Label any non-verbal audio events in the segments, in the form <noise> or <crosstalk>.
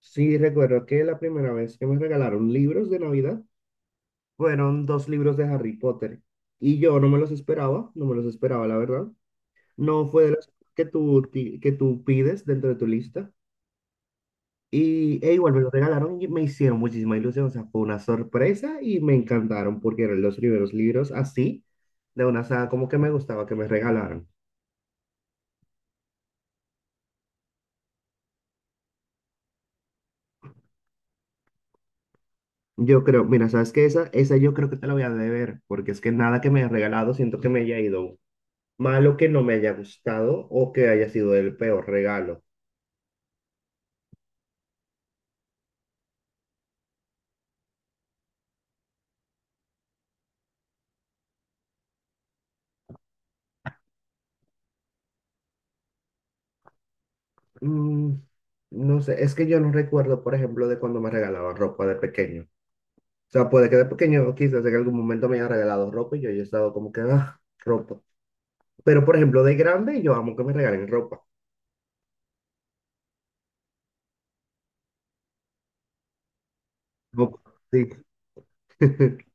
Sí, recuerdo que la primera vez que me regalaron libros de Navidad fueron dos libros de Harry Potter y yo no me los esperaba, no me los esperaba, la verdad. No fue de los que tú pides dentro de tu lista. Y igual me los regalaron y me hicieron muchísima ilusión, o sea, fue una sorpresa y me encantaron porque eran los primeros libros así de una saga como que me gustaba que me regalaran. Yo creo, mira, ¿sabes qué? Esa yo creo que te la voy a deber porque es que nada que me hayas regalado siento que me haya ido malo, que no me haya gustado o que haya sido el peor regalo. Mm, no sé, es que yo no recuerdo, por ejemplo, de cuando me regalaban ropa de pequeño. O sea, puede que de pequeño quizás en algún momento me hayan regalado ropa y yo haya estado como que, ah, ropa. Pero, por ejemplo, de grande yo amo que me regalen ropa. Como- Sí. <laughs>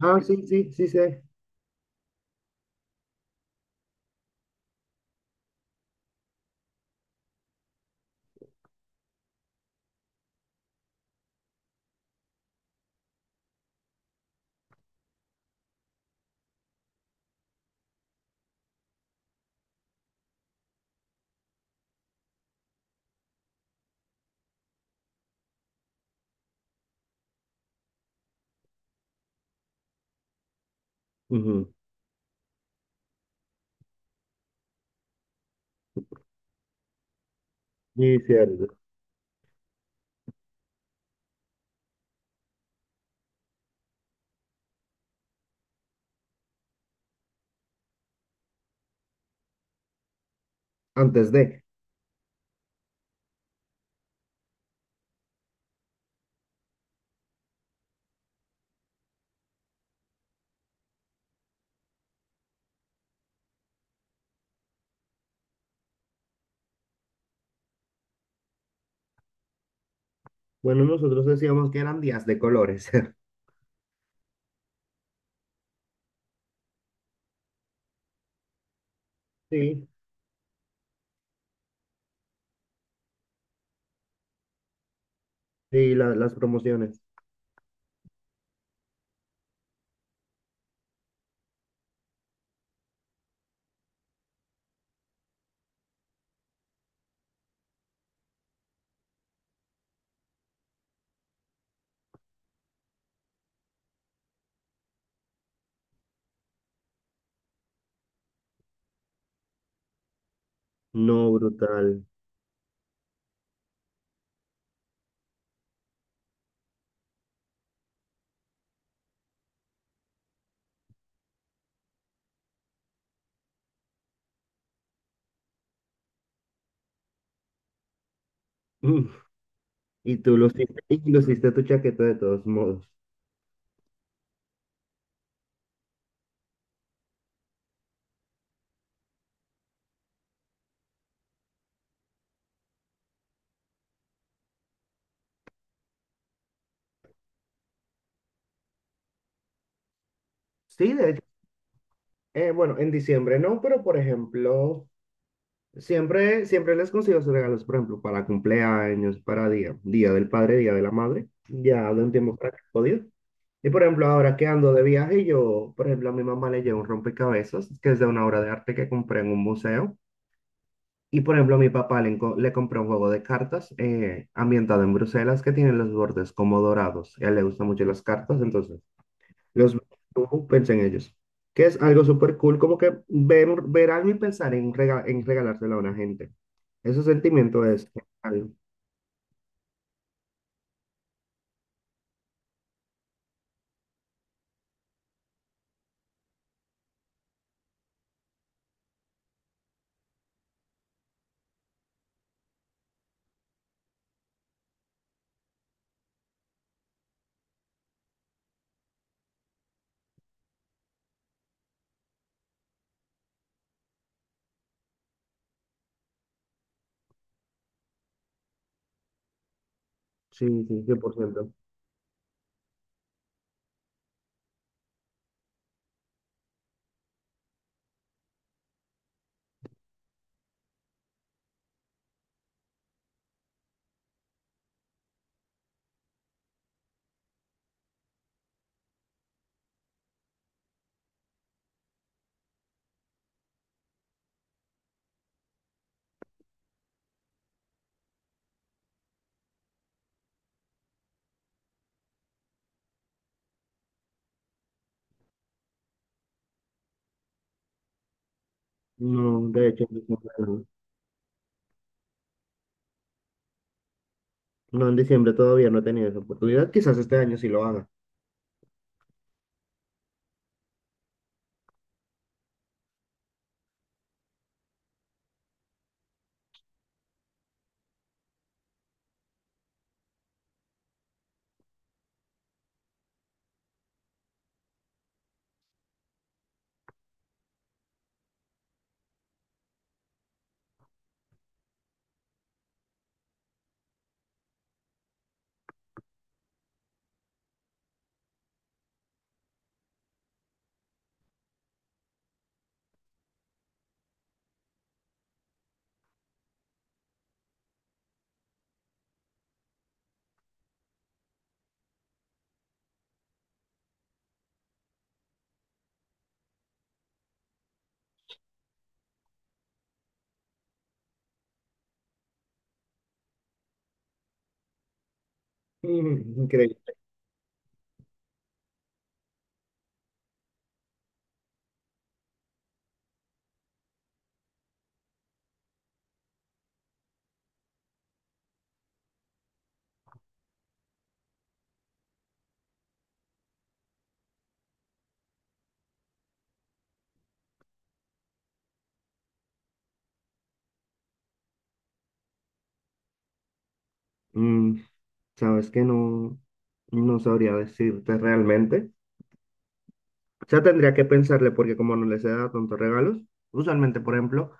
Ah, sí, sí, sí, sí. Ujú. Sí, cierto. Antes de. Bueno, nosotros decíamos que eran días de colores. <laughs> Sí, sí, las promociones. No, brutal. <laughs> Y tú luciste, y luciste tu chaqueta de todos modos. Sí, de hecho, bueno, en diciembre no, pero por ejemplo, siempre, siempre les consigo sus regalos, por ejemplo, para cumpleaños, para día del padre, día de la madre, ya de un tiempo para que he podido. Y por ejemplo, ahora que ando de viaje, yo, por ejemplo, a mi mamá le llevo un rompecabezas, que es de una obra de arte que compré en un museo. Y por ejemplo, a mi papá le compré un juego de cartas ambientado en Bruselas que tiene los bordes como dorados. A él le gustan mucho las cartas, entonces los ves, tú piensa en ellos. Que es algo súper cool, como que ver algo y pensar en regalárselo a una gente. Ese sentimiento es genial. Sí, sí, 100%. No, de hecho, en diciembre no. No, en diciembre todavía no he tenido esa oportunidad. Quizás este año sí lo haga. <laughs> Mm, increíble. Mm, sabes que no, no sabría decirte realmente. Ya tendría que pensarle porque como no les he dado tantos regalos, usualmente, por ejemplo,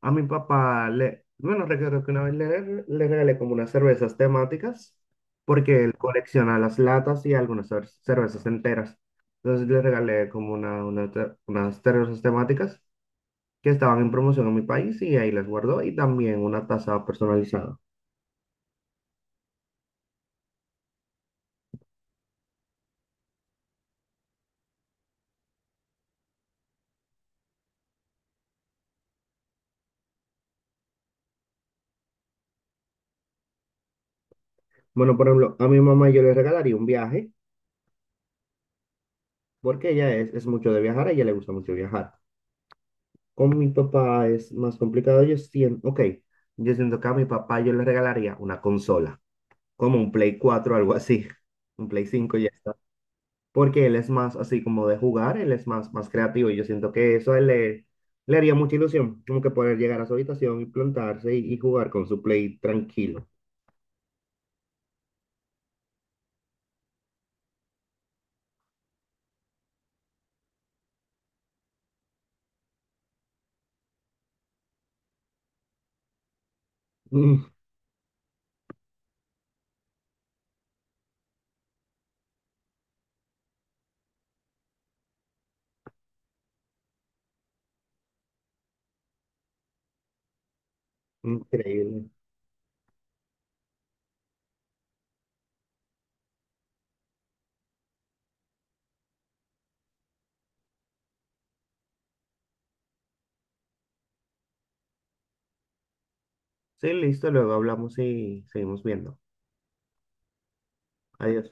a mi papá le, bueno, recuerdo que una vez le regalé como unas cervezas temáticas porque él colecciona las latas y algunas cervezas enteras. Entonces le regalé como unas cervezas temáticas que estaban en promoción en mi país y ahí las guardó y también una taza personalizada. Bueno, por ejemplo, a mi mamá yo le regalaría un viaje porque ella es mucho de viajar, a ella le gusta mucho viajar. Con mi papá es más complicado. Yo siento, ok, yo siento que a mi papá yo le regalaría una consola, como un Play 4, algo así, <laughs> un Play 5 y ya está. Porque él es más así como de jugar, él es más, creativo y yo siento que eso a él le haría mucha ilusión, como que poder llegar a su habitación y plantarse y jugar con su Play tranquilo. <laughs> Mm, increíble. Sí, listo, luego hablamos y seguimos viendo. Adiós.